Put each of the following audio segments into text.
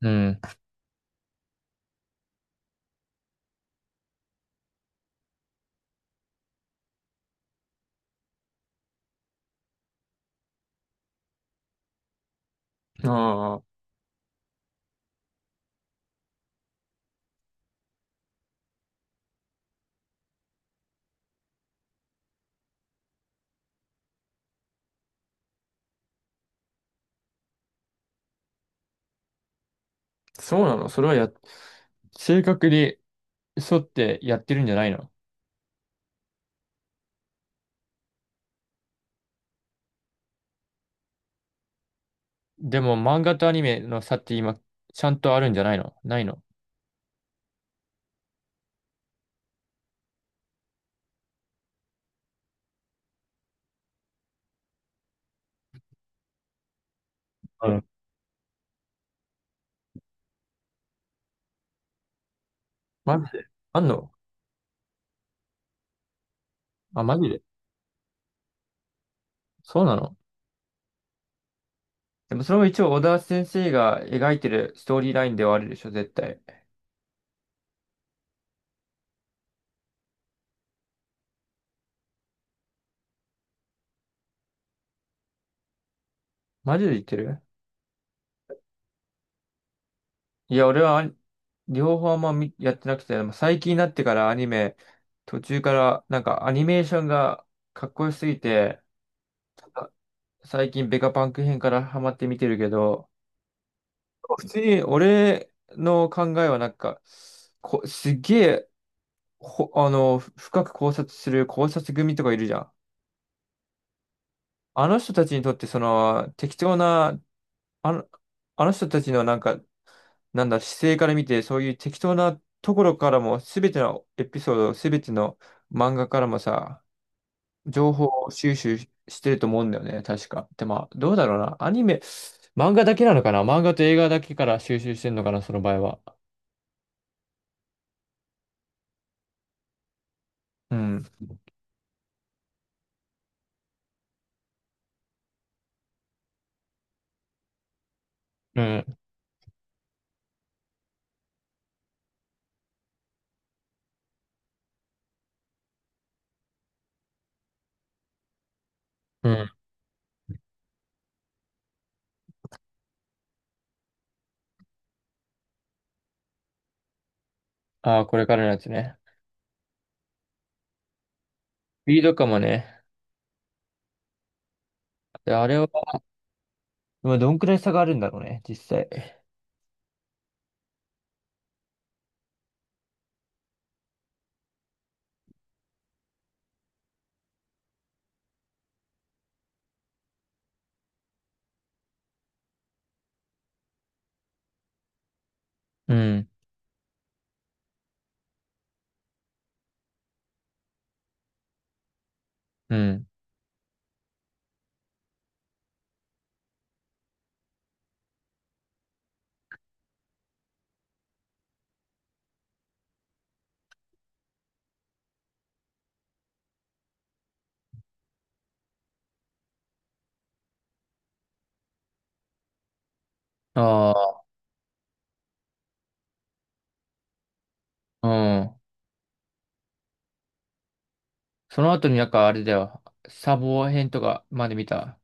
うん。ああ、そうなの。それはや、正確に沿ってやってるんじゃないの？でも漫画とアニメの差って今、ちゃんとあるんじゃないのないの？うん。マジであんの？あ、マジで。そうなの。でもそれも一応小田先生が描いてるストーリーラインではあるでしょ、絶対。マジで言ってる？いや、俺はアニ両方あんま見やってなくて、でも最近になってからアニメ、途中からなんかアニメーションがかっこよすぎて、最近ベガパンク編からハマって見てるけど、普通に俺の考えはなんか、すっげえ、あの、深く考察する考察組とかいるじゃん。あの人たちにとってその適当な、あの、あの人たちのなんか、なんだ、姿勢から見て、そういう適当なところからも、すべてのエピソード、すべての漫画からもさ、情報収集してると思うんだよね、確か。で、まあ、どうだろうな。アニメ、漫画だけなのかな、漫画と映画だけから収集してんのかな、その場合は。うん。うん。うん。ああ、これからのやつね。スピードかもね。で、あれは、まあどんくらい差があるんだろうね、実際。うん。うん。ああ、うん。その後になんかあれだよ。サボ編とかまで見た？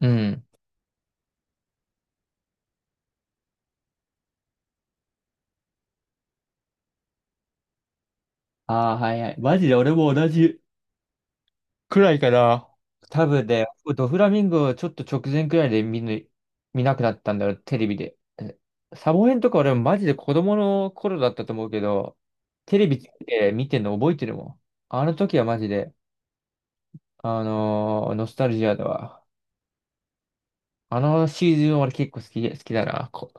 うん。ああ、はいはい。マジで俺も同じくらいかな。多分で、ドフラミンゴをちょっと直前くらいで見ぬ、見なくなったんだよ、テレビで。サボヘンとか俺マジで子供の頃だったと思うけど、テレビつけて見てんの覚えてるもん。あの時はマジで、ノスタルジアだわ。あのシーズン俺結構好きだな。こ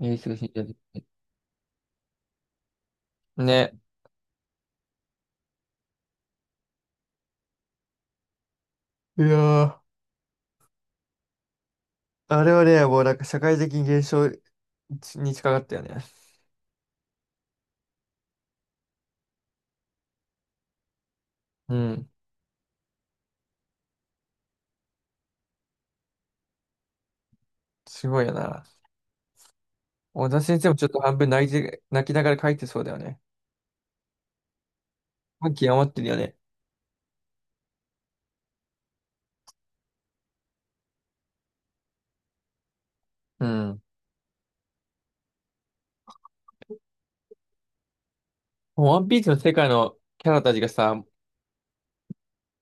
う、エースが死んじゃってね。いやー、あれはね、社会的現象に近かったよね。うん。すごいよな。小田先生もちょっと半分泣いて、泣きながら書いてそうだよね。感極まってるよね。うん。もうワンピースの世界のキャラたちがさ、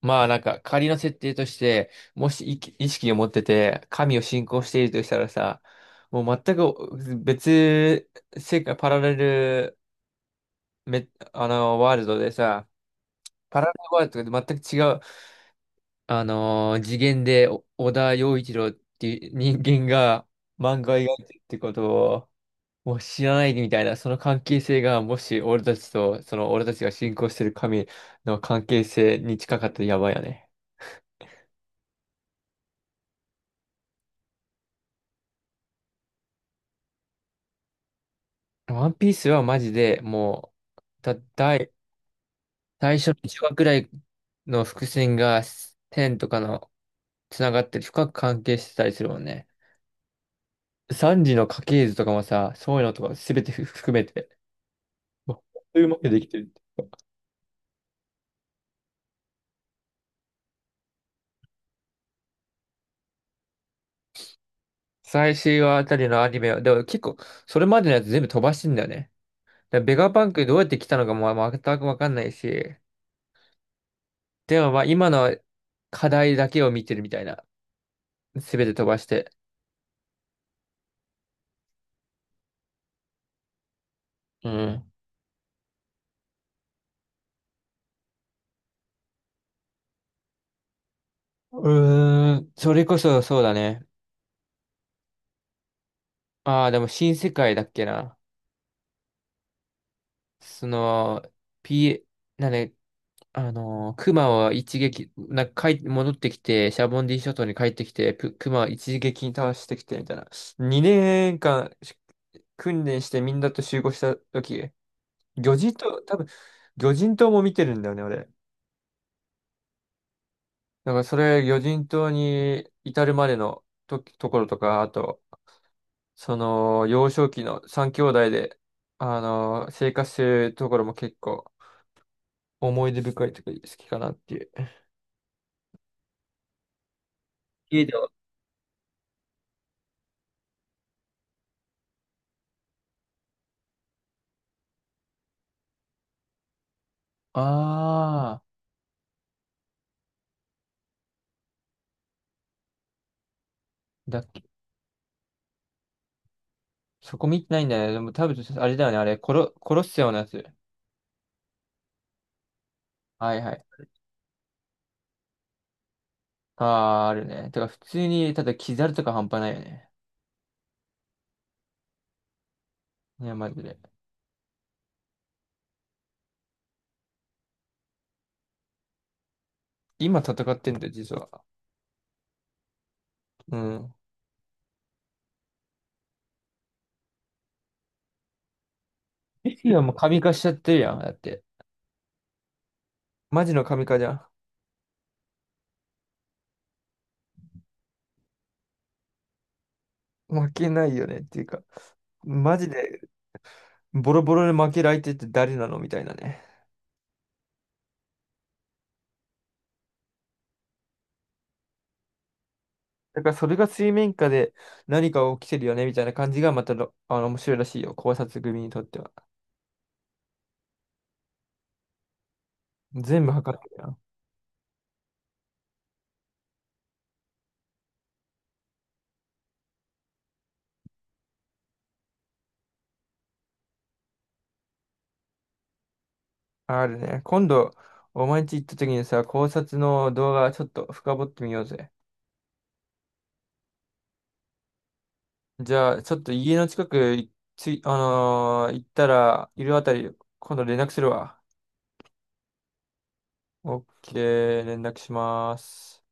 まあなんか仮の設定として、もし意識を持ってて、神を信仰しているとしたらさ、もう全く別世界、パラレルめ、あの、ワールドでさ、パラレルワールドとで全く違う、次元でお小田洋一郎っていう人間が漫画を描いてるってことを、もう知らないみたいな、その関係性が、もし俺たちと、その俺たちが信仰してる神の関係性に近かったらやばいよね。ワンピースはマジで、もう、だ、大、最初の1話くらいの伏線が、天とかの、つながって深く関係してたりするもんね。三時の家系図とかもさ、そういうのとか全て含めて、もう、そういうまくできてる。最終話あたりのアニメは、でも結構、それまでのやつ全部飛ばしてんだよね。でベガパンクどうやって来たのかもまあ全くわかんないし、でもまあ今の課題だけを見てるみたいな。すべて飛ばして。うん。うーん、それこそそうだね。ああ、でも新世界だっけな。その、P、なんで、あのー、クマを一撃、なんか帰戻ってきて、シャボンディ諸島に帰ってきて、プクマを一撃に倒してきて、みたいな。2年間訓練してみんなと集合した時、魚人島、多分、魚人島も見てるんだよね、俺。だからそれ、魚人島に至るまでのと、ところとか、あと、その、幼少期の三兄弟で、あの、生活するところも結構思い出深いとか好きかなっていう。家では、あー、だっけ。そこ見てないんだよね。でも多分、あれだよね。あれ、殺すようなやつ。はいはい。あー、あるね。てか、普通に、ただ、キザルとか半端ないよね。いや、マジで。今戦ってんだよ、実は。うん。いや、もう神化しちゃってるやん。だって。マジの神化じゃん。負けないよねっていうか、マジでボロボロで負ける相手って誰なのみたいなね。だからそれが水面下で何か起きてるよねみたいな感じがまたろあの面白いらしいよ。考察組にとっては。全部測ってるよ。あるね。今度、お前んち行った時にさ、考察の動画ちょっと深掘ってみようぜ。じゃあ、ちょっと家の近くいつい、あのー行ったら、いるあたり、今度連絡するわ。オッケー、連絡します。